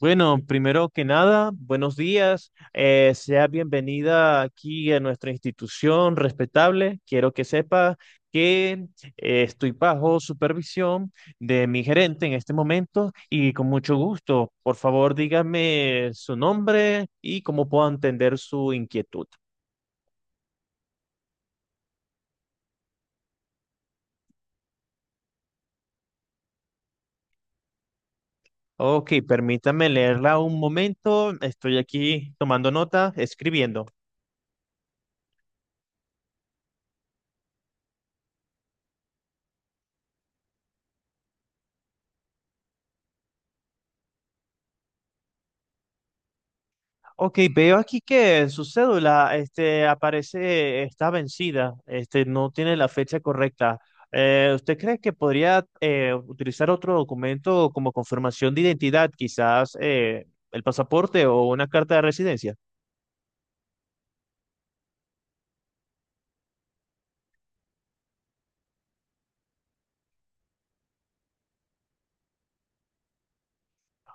Bueno, primero que nada, buenos días. Sea bienvenida aquí a nuestra institución respetable. Quiero que sepa que estoy bajo supervisión de mi gerente en este momento y con mucho gusto. Por favor, dígame su nombre y cómo puedo entender su inquietud. Ok, permítame leerla un momento. Estoy aquí tomando nota, escribiendo. Ok, veo aquí que en su cédula este, aparece, está vencida, este, no tiene la fecha correcta. ¿Usted cree que podría utilizar otro documento como confirmación de identidad, quizás el pasaporte o una carta de residencia?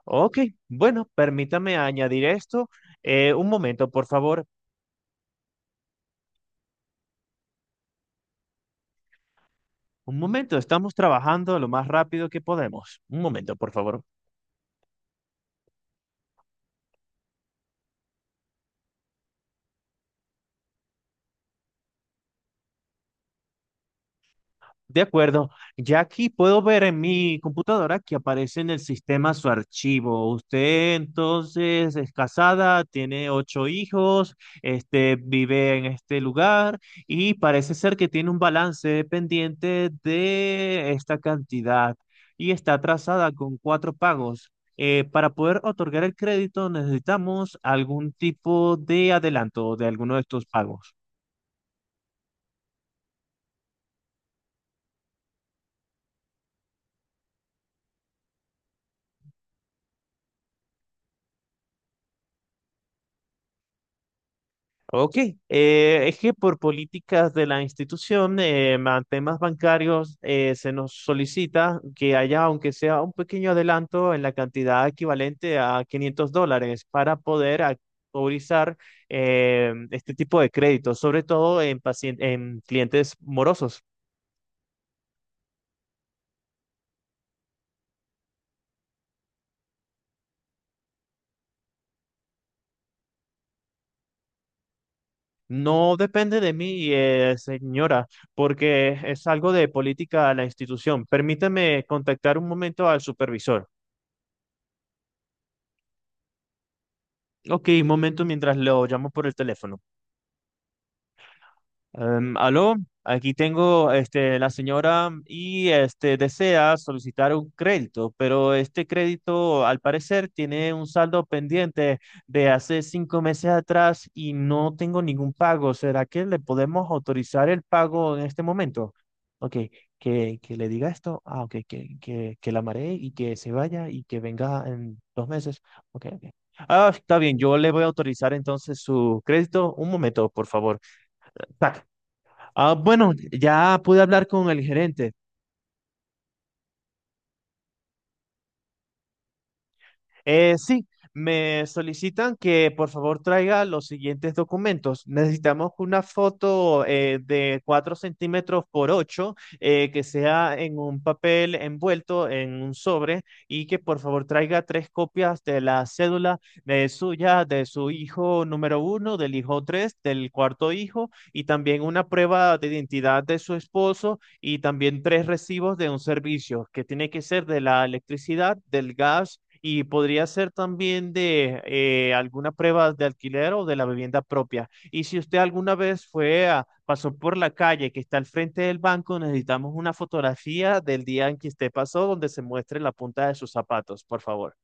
Ok, bueno, permítame añadir esto. Un momento, por favor. Un momento, estamos trabajando lo más rápido que podemos. Un momento, por favor. De acuerdo, ya aquí puedo ver en mi computadora que aparece en el sistema su archivo. Usted entonces es casada, tiene ocho hijos, este, vive en este lugar y parece ser que tiene un balance pendiente de esta cantidad y está atrasada con cuatro pagos. Para poder otorgar el crédito necesitamos algún tipo de adelanto de alguno de estos pagos. Ok, es que por políticas de la institución, temas bancarios, se nos solicita que haya, aunque sea un pequeño adelanto en la cantidad equivalente a 500 dólares para poder autorizar este tipo de créditos, sobre todo en, en clientes morosos. No depende de mí, señora, porque es algo de política de la institución. Permítame contactar un momento al supervisor. Ok, un momento mientras lo llamo por el teléfono. Aló, aquí tengo este, la señora y este, desea solicitar un crédito, pero este crédito al parecer tiene un saldo pendiente de hace cinco meses atrás y no tengo ningún pago. ¿Será que le podemos autorizar el pago en este momento? Ok, que le diga esto. Ah, ok, que la maree y que se vaya y que venga en dos meses. Ok, ok. Ah, está bien, yo le voy a autorizar entonces su crédito. Un momento, por favor. Tac. Ah, bueno, ya pude hablar con el gerente. Sí, me solicitan que por favor traiga los siguientes documentos. Necesitamos una foto de 4 centímetros por 8 que sea en un papel envuelto en un sobre y que por favor traiga tres copias de la cédula de suya, de su hijo número uno, del hijo 3, del cuarto hijo y también una prueba de identidad de su esposo y también tres recibos de un servicio que tiene que ser de la electricidad, del gas y podría ser también de alguna prueba de alquiler o de la vivienda propia. Y si usted alguna vez fue a, pasó por la calle que está al frente del banco, necesitamos una fotografía del día en que usted pasó donde se muestre la punta de sus zapatos, por favor.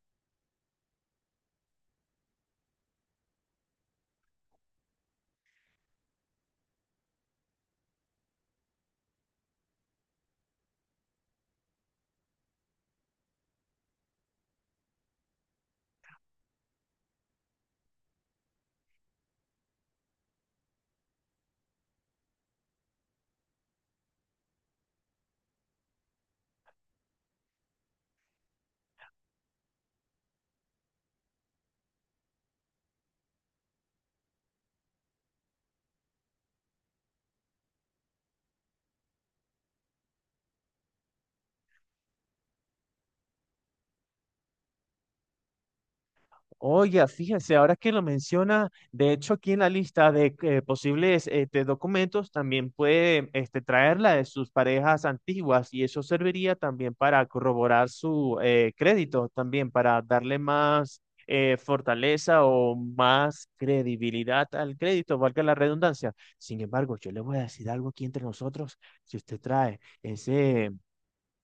Oiga, fíjese, ahora que lo menciona, de hecho aquí en la lista de posibles este, documentos también puede este, traer la de sus parejas antiguas y eso serviría también para corroborar su crédito, también para darle más fortaleza o más credibilidad al crédito, valga la redundancia. Sin embargo, yo le voy a decir algo aquí entre nosotros, si usted trae ese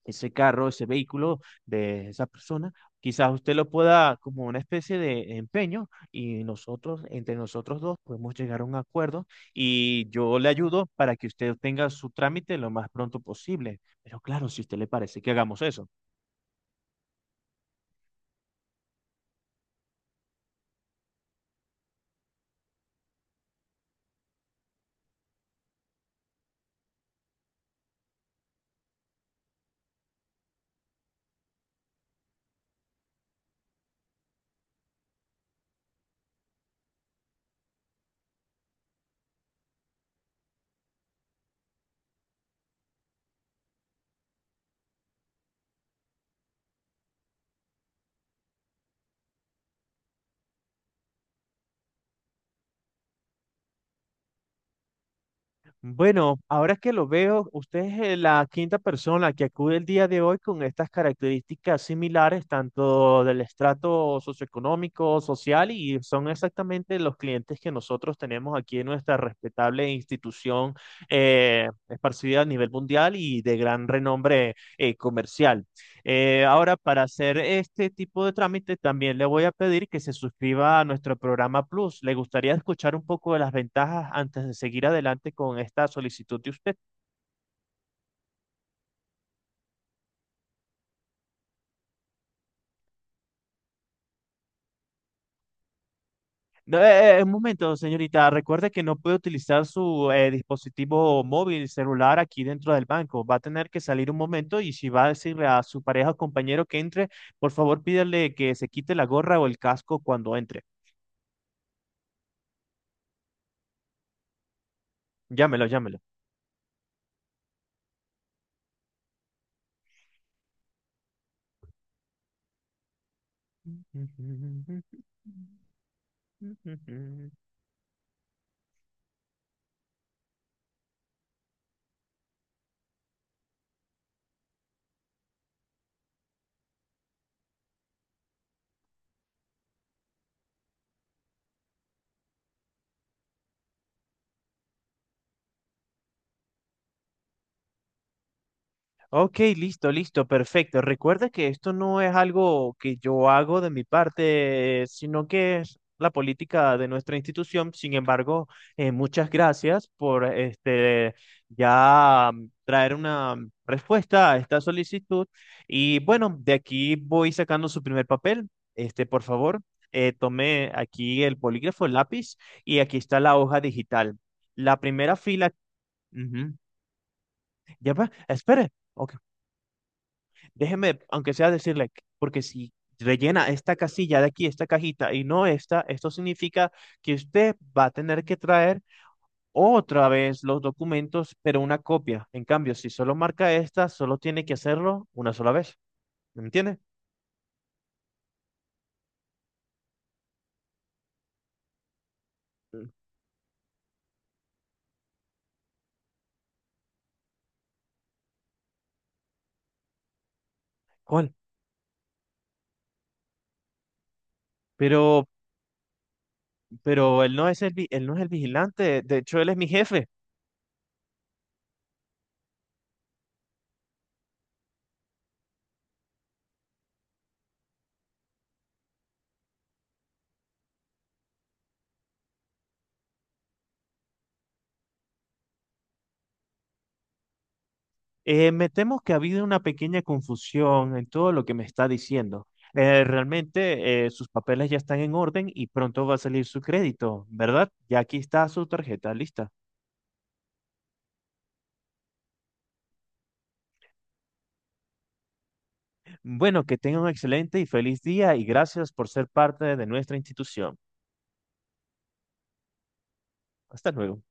ese carro, ese vehículo de esa persona, quizás usted lo pueda como una especie de empeño y nosotros, entre nosotros dos, podemos llegar a un acuerdo y yo le ayudo para que usted tenga su trámite lo más pronto posible. Pero claro, si a usted le parece que hagamos eso. Bueno, ahora que lo veo, usted es la quinta persona que acude el día de hoy con estas características similares, tanto del estrato socioeconómico, social, y son exactamente los clientes que nosotros tenemos aquí en nuestra respetable institución esparcida a nivel mundial y de gran renombre comercial. Ahora, para hacer este tipo de trámite, también le voy a pedir que se suscriba a nuestro programa Plus. ¿Le gustaría escuchar un poco de las ventajas antes de seguir adelante con esta solicitud de usted? No, un momento, señorita. Recuerde que no puede utilizar su dispositivo móvil, celular aquí dentro del banco. Va a tener que salir un momento y si va a decirle a su pareja o compañero que entre, por favor, pídale que se quite la gorra o el casco cuando entre. Llámelo, llámelo. Ok, listo, listo, perfecto. Recuerda que esto no es algo que yo hago de mi parte, sino que es la política de nuestra institución. Sin embargo, muchas gracias por este ya traer una respuesta a esta solicitud. Y bueno, de aquí voy sacando su primer papel. Este, por favor, tome aquí el polígrafo, el lápiz, y aquí está la hoja digital. La primera fila. Ujú. Ya va, espere. Ok. Déjeme, aunque sea decirle, porque si rellena esta casilla de aquí, esta cajita y no esta, esto significa que usted va a tener que traer otra vez los documentos, pero una copia. En cambio, si solo marca esta, solo tiene que hacerlo una sola vez. ¿Me entiende? ¿Cuál? Pero, pero él no es el, él no es el vigilante. De hecho, él es mi jefe. Me temo que ha habido una pequeña confusión en todo lo que me está diciendo. Realmente sus papeles ya están en orden y pronto va a salir su crédito, ¿verdad? Ya aquí está su tarjeta lista. Bueno, que tenga un excelente y feliz día y gracias por ser parte de nuestra institución. Hasta luego.